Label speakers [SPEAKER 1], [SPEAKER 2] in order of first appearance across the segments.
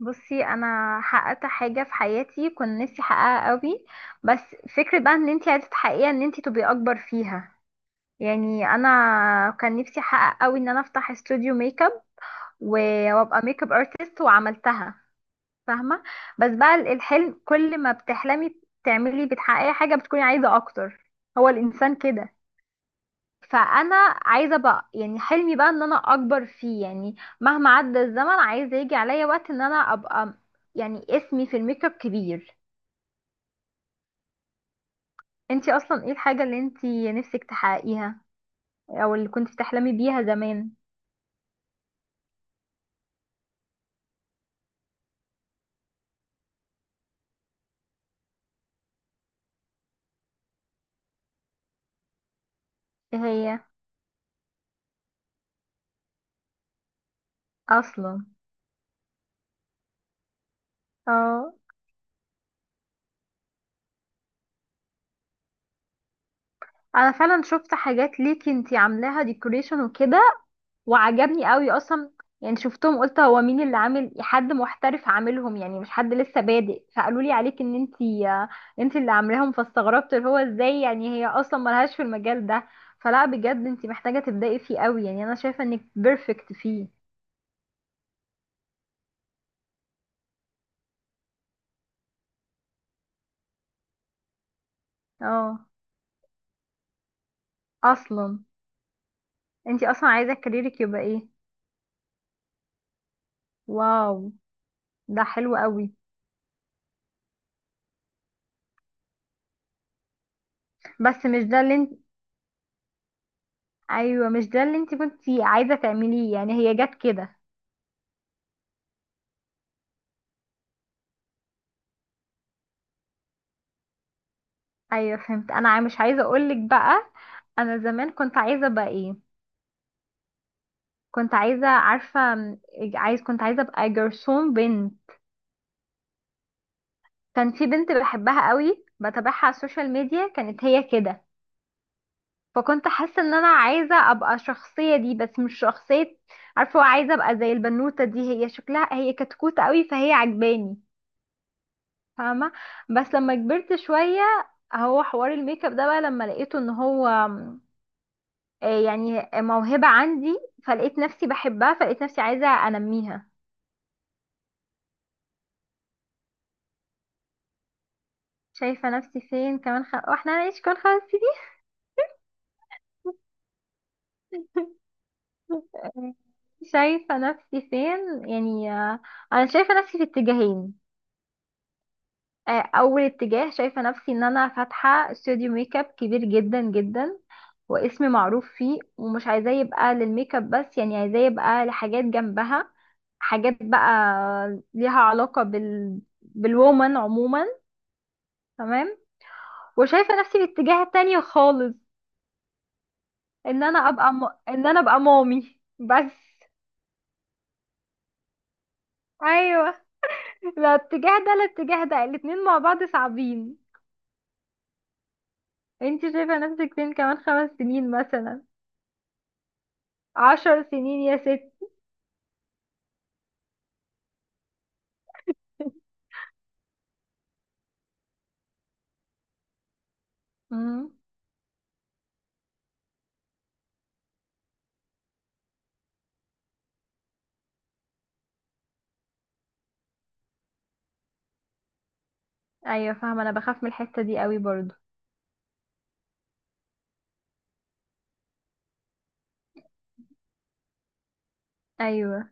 [SPEAKER 1] بصي، انا حققت حاجه في حياتي كنت نفسي احققها قوي. بس فكره بقى ان انت عايزه تحققيها ان انت تبقي اكبر فيها. يعني انا كان نفسي احقق قوي ان انا افتح استوديو ميك اب و- وابقى ميك اب ارتست، وعملتها. فاهمه. بس بقى ال- الحلم كل ما بتحلمي تعملي بتحققي حاجه بتكوني عايزه اكتر. هو الانسان كده. فانا عايزه بقى يعني حلمي بقى ان انا اكبر فيه يعني. مهما عدى الزمن عايزه يجي عليا وقت ان انا ابقى يعني اسمي في الميك اب كبير. انتي اصلا ايه الحاجه اللي انتي نفسك تحققيها، او اللي كنت بتحلمي بيها زمان؟ ايه هي اصلا. اه انا فعلا شفت حاجات ليكي انتي عاملاها ديكوريشن وكده، وعجبني قوي اصلا. يعني شفتهم قلت هو مين اللي عامل، حد محترف عاملهم يعني مش حد لسه بادئ. فقالوا لي عليك ان انتي، انتي اللي عاملاهم. فاستغربت اللي هو ازاي يعني، هي اصلا ملهاش في المجال ده. فلا بجد انتي محتاجة تبدأي فيه قوي، يعني انا شايفة انك بيرفكت فيه. اه اصلا. انتي اصلا عايزة كاريرك يبقى ايه؟ واو، ده حلو قوي. بس مش ده اللي انت. ايوه مش ده اللي انت كنتي عايزة تعمليه، يعني هي جت كده. ايوه فهمت. انا مش عايزه اقولك بقى، انا زمان كنت عايزه ابقى ايه. كنت عايزه، عارفه كنت عايزه ابقى جرسون بنت. كان في بنت بحبها قوي بتابعها على السوشيال ميديا، كانت هي كده. فكنت حاسه ان انا عايزه ابقى الشخصيه دي، بس مش شخصيه. عارفه عايزه ابقى زي البنوته دي، هي شكلها هي كتكوت قوي فهي عجباني. فاهمه. بس لما كبرت شويه، هو حوار الميك اب ده بقى لما لقيته ان هو يعني موهبة عندي. فلقيت نفسي بحبها، فلقيت نفسي عايزة انميها. شايفة نفسي فين كمان واحنا هنعيش كل خمس سنين؟ آه، شايفة نفسي فين يعني، انا شايفة نفسي في اتجاهين. اول اتجاه شايفة نفسي ان انا فاتحة استوديو ميك اب كبير جدا جدا، واسمي معروف فيه. ومش عايزاه يبقى للميك اب بس، يعني عايزاه يبقى لحاجات جنبها، حاجات بقى ليها علاقة بالوومن عموما. تمام. وشايفه نفسي في الاتجاه التاني خالص، ان انا ابقى ان انا ابقى مامي بس. ايوه. لا اتجاه ده، لا اتجاه ده، الاتنين مع بعض صعبين. انت شايفه نفسك فين كمان 5 سنين مثلا، 10 سنين يا ست؟ امم. ايوه فاهمه، انا بخاف من الحته دي قوي برضو. ايوه.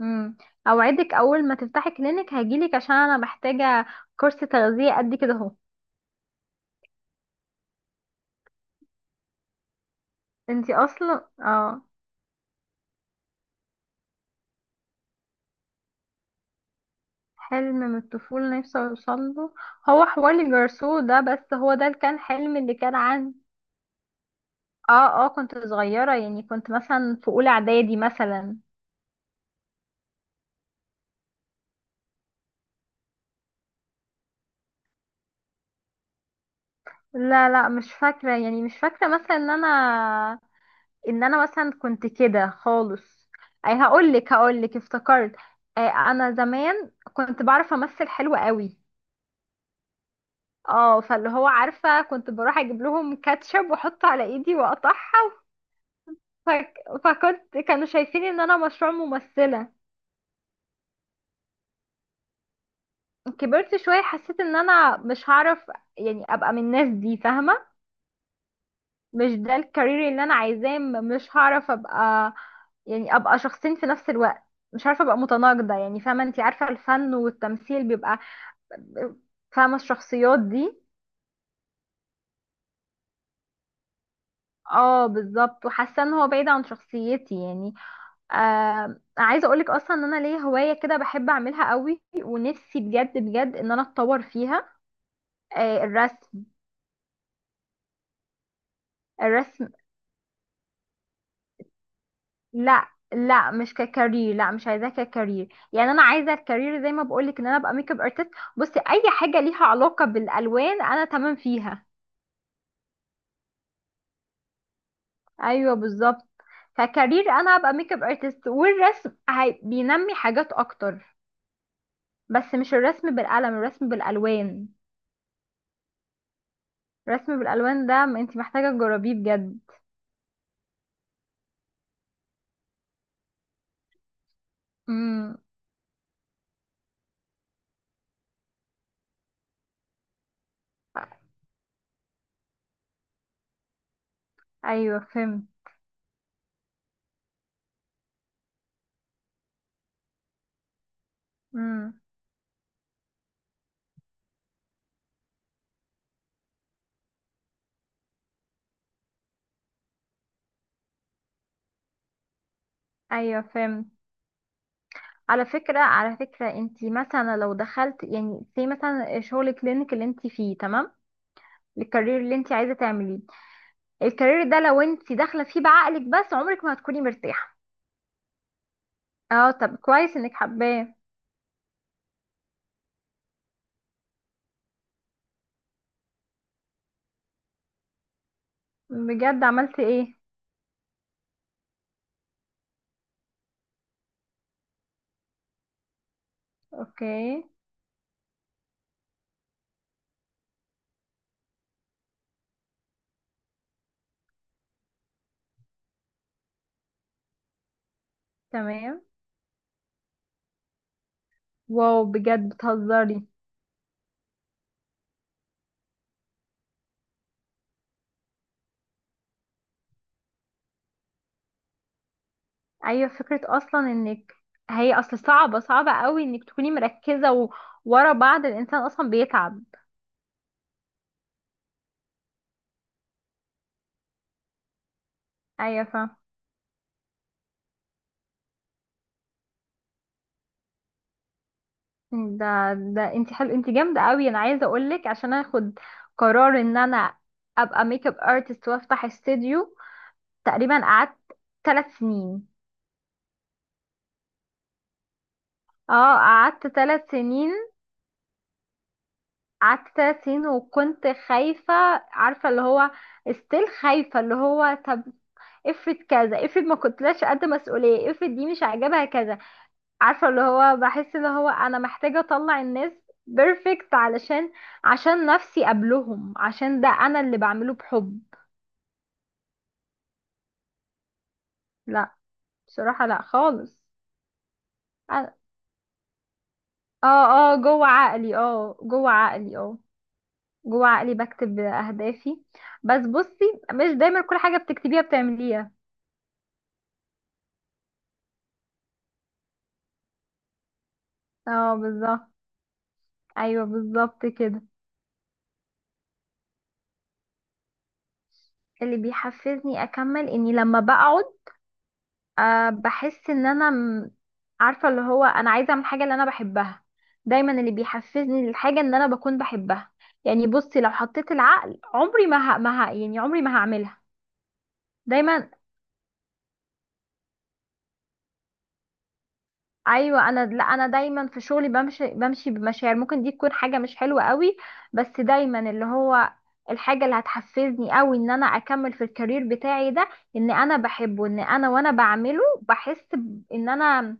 [SPEAKER 1] امم. اوعدك اول ما تفتحي كلينك هجيلك، عشان انا محتاجه كورس تغذيه قد كده اهو. انت اصلا اه. حلم من الطفولة نفسي اوصل له. هو حوار الجرسو ده، بس هو ده اللي كان حلم اللي كان عندي. اه اه كنت صغيرة، يعني كنت مثلا في اولى اعدادي مثلا. لا لا مش فاكرة، يعني مش فاكرة مثلا ان انا، ان انا مثلا كنت كده خالص. اي هقولك، افتكرت. آه انا زمان كنت بعرف امثل حلو قوي. اه فاللي هو عارفة كنت بروح اجيب لهم كاتشب واحطه على ايدي واقطعها. فك... فكنت كانوا شايفين ان انا مشروع ممثلة. كبرت شوية حسيت ان انا مش هعرف يعني ابقى من الناس دي، فاهمة. مش ده الكارير اللي انا عايزاه، مش هعرف ابقى يعني ابقى شخصين في نفس الوقت. مش عارفة ابقى متناقضة يعني، فاهمة؟ انتي عارفة الفن والتمثيل بيبقى، فاهمة الشخصيات دي. اه بالظبط، وحاسة ان هو بعيد عن شخصيتي يعني. آه عايزة اقولك اصلا ان انا ليا هواية كده بحب اعملها قوي، ونفسي بجد بجد ان انا اتطور فيها. آه الرسم. الرسم. لا لا مش ككارير، لا مش عايزاه ككارير، يعني انا عايزه الكارير زي ما بقولك ان انا ابقى ميك اب ارتست. بصي اي حاجه ليها علاقه بالالوان انا تمام فيها. ايوه بالظبط. فكارير انا ابقى ميك اب ارتست، والرسم بينمي حاجات اكتر. بس مش الرسم بالقلم، الرسم بالالوان. الرسم بالالوان ده انت محتاجه تجربيه بجد. امم. ايوه فهمت. امم. ايوه فهمت. على فكرة، على فكرة انت مثلا لو دخلت يعني في مثلا شغل كلينيك اللي انت فيه، تمام. الكارير اللي انت عايزة تعمليه، الكارير ده لو انت داخلة فيه بعقلك بس عمرك ما هتكوني مرتاحة. اه طب كويس انك حباه. بجد عملت ايه؟ اوكي. تمام. واو بجد بتهزري. ايوه فكرة اصلا انك، هي اصل صعبة، صعبة قوي انك تكوني مركزة ورا بعض، الانسان اصلا بيتعب. ايوه فاهم. ده انت حلو، انت جامده قوي. انا عايزه اقول لك، عشان اخد قرار ان انا ابقى ميك اب ارتست وافتح استوديو، تقريبا قعدت 3 سنين. اه قعدت 3 سنين. قعدت ثلاث سنين وكنت خايفه. عارفه اللي هو استيل خايفه اللي هو، طب افرض كذا، افرض ما كنتلاش قد مسؤوليه، افرض دي مش عاجبها كذا. عارفة اللي هو، بحس اللي هو انا محتاجة اطلع الناس بيرفكت، علشان عشان نفسي قبلهم، عشان ده انا اللي بعمله بحب. لا، بصراحة لا خالص. أنا- اه اه جوه عقلي، اه جوه عقلي. اه جوه عقلي بكتب اهدافي، بس بصي مش دايما كل حاجة بتكتبيها بتعمليها. اه بالظبط. ايوه بالظبط كده. اللي بيحفزني اكمل اني لما بقعد، أه بحس ان انا عارفه اللي هو انا عايزه اعمل حاجه اللي انا بحبها. دايما اللي بيحفزني للحاجه ان انا بكون بحبها. يعني بصي لو حطيت العقل عمري ما ه... ما ه... يعني عمري ما هعملها. دايما. ايوه انا، لا انا دايما في شغلي بمشي، بمشاعر، ممكن دي تكون حاجه مش حلوه قوي. بس دايما اللي هو الحاجه اللي هتحفزني قوي ان انا اكمل في الكارير بتاعي ده ان انا بحبه، ان انا وانا بعمله بحس ان انا،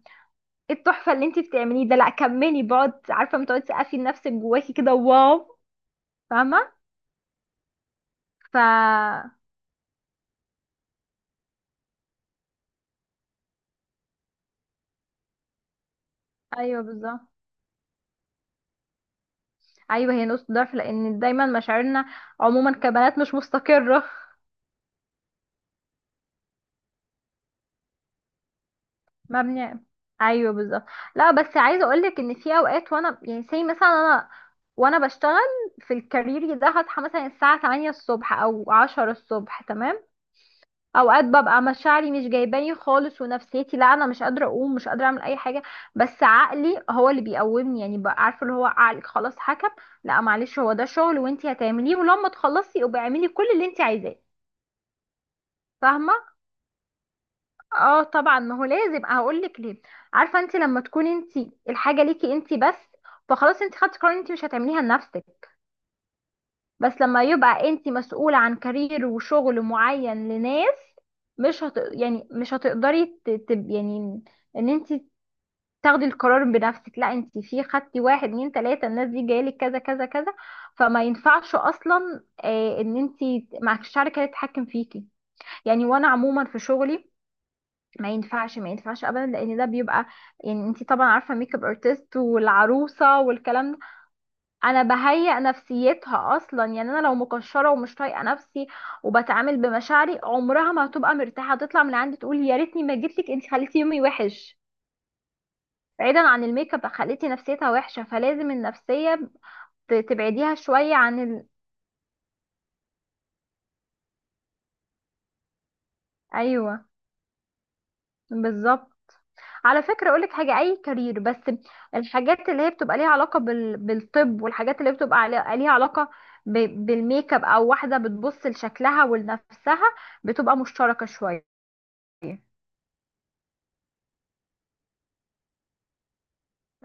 [SPEAKER 1] ايه التحفه اللي انت بتعمليه ده، لا كملي. بقعد عارفه بتقعدي تسقفي لنفسك جواكي كده، واو. فاهمه. ف ايوه بالظبط. ايوه هي نقطه ضعف، لان دايما مشاعرنا عموما كبنات مش مستقره. مبني. ايوه بالظبط. لا بس عايزه اقولك ان في اوقات، وانا يعني زي مثلا انا، وانا بشتغل في الكارير ده هصحى مثلا الساعه 8 الصبح او 10 الصبح، تمام. اوقات ببقى مشاعري مش جايباني خالص، ونفسيتي لا انا مش قادره اقوم، مش قادره اعمل اي حاجه. بس عقلي هو اللي بيقومني، يعني بقى عارفه اللي هو عقلك خلاص حكم، لا معلش هو ده شغل وانتي هتعمليه، ولما تخلصي ابقي اعملي كل اللي انتي عايزاه. فاهمه. اه طبعا، ما هو لازم، هقول لك ليه. عارفه انتي لما تكوني انتي الحاجه ليكي انتي بس، فخلاص انتي خدتي قرار انتي مش هتعمليها لنفسك. بس لما يبقى انت مسؤولة عن كارير وشغل معين لناس، مش هت... يعني مش هتقدري يعني ان انت تاخدي القرار بنفسك. لا انت في خدتي واحد اتنين تلاتة، الناس دي جايلك كذا كذا كذا. فما ينفعش اصلا ان انت معكش شركة تتحكم فيكي. يعني وانا عموما في شغلي ما ينفعش، ما ينفعش ابدا، لان ده بيبقى، يعني انت طبعا عارفه ميك اب ارتست والعروسه والكلام. انا بهيئ نفسيتها اصلا، يعني انا لو مكشره ومش طايقه نفسي وبتعامل بمشاعري عمرها ما هتبقى مرتاحه، هتطلع من عندي تقول يا ريتني ما جيتلك انت خليتي يومي وحش. بعيدا عن الميك اب خليتي نفسيتها وحشه. فلازم النفسيه تبعديها شويه عن ايوه بالظبط. على فكره اقولك حاجه، اي كارير بس الحاجات اللي هي بتبقى ليها علاقه بالطب، والحاجات اللي بتبقى ليها علاقه ب... بالميك اب او واحده بتبص لشكلها ولنفسها، بتبقى مشتركه شويه.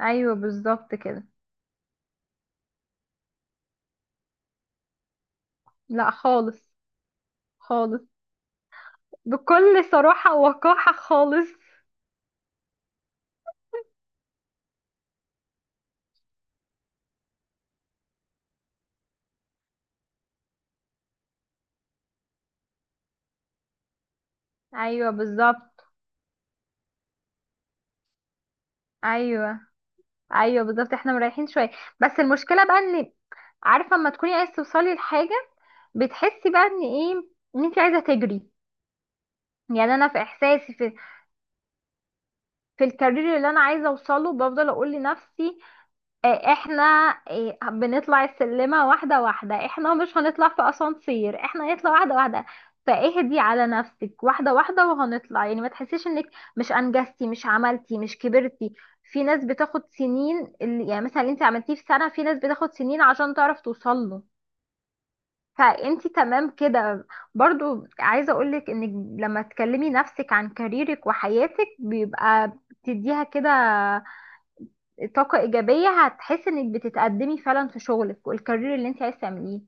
[SPEAKER 1] ايوه بالظبط كده. لا خالص. خالص. بكل صراحة ووقاحة خالص. ايوه بالظبط. ايوه. ايوه بالظبط احنا مريحين شوية. بس المشكلة بقى ان، عارفة لما تكوني عايزة توصلي لحاجة، بتحسي بقى ان ايه؟ ان انت عايزة تجري. يعني انا في احساسي في، في الكارير اللي انا عايزة اوصله بفضل اقول لنفسي، احنا بنطلع السلمة واحدة واحدة، احنا مش هنطلع في اسانسير، احنا نطلع واحدة واحدة. فاهدي على نفسك، واحدة واحدة وهنطلع. يعني ما تحسيش انك مش انجزتي مش عملتي مش كبرتي. في ناس بتاخد سنين يعني مثلا اللي انت عملتيه في سنة في ناس بتاخد سنين عشان تعرف توصل له. فانت تمام كده. برضو عايزة اقولك انك لما تكلمي نفسك عن كاريرك وحياتك بيبقى بتديها كده طاقة إيجابية، هتحس إنك بتتقدمي فعلا في شغلك والكارير اللي أنت عايزة تعمليه.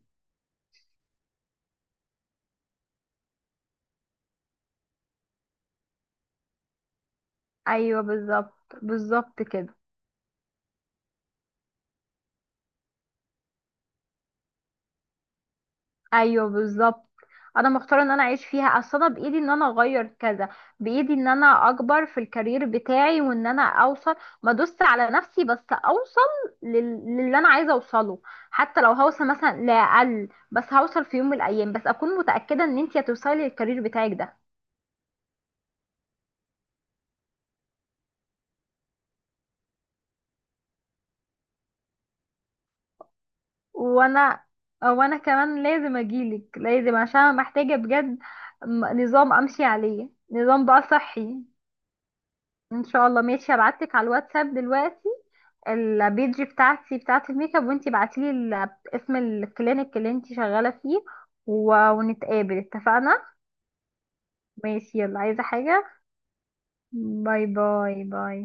[SPEAKER 1] أيوه بالظبط. بالظبط كده. أيوه بالظبط. أنا مختارة إن أنا أعيش فيها. أصل أنا بإيدي إن أنا أغير كذا، بإيدي إن أنا أكبر في الكارير بتاعي، وإن أنا أوصل ما دوست على نفسي بس أوصل للي أنا عايزة أوصله. حتى لو هوصل مثلا لأقل، بس هوصل في يوم من الأيام. بس أكون متأكدة إن أنت هتوصلي للكارير بتاعك ده. وانا، كمان لازم اجيلك لازم، عشان انا محتاجة بجد نظام امشي عليه، نظام بقى صحي. ان شاء الله. ماشي هبعتلك على الواتساب دلوقتي البيج بتاعتي بتاعت الميك اب، وانتي بعتيلي اسم الكلينيك اللي انتي شغالة فيه، ونتقابل. اتفقنا. ماشي يلا، عايزة حاجة؟ باي باي باي.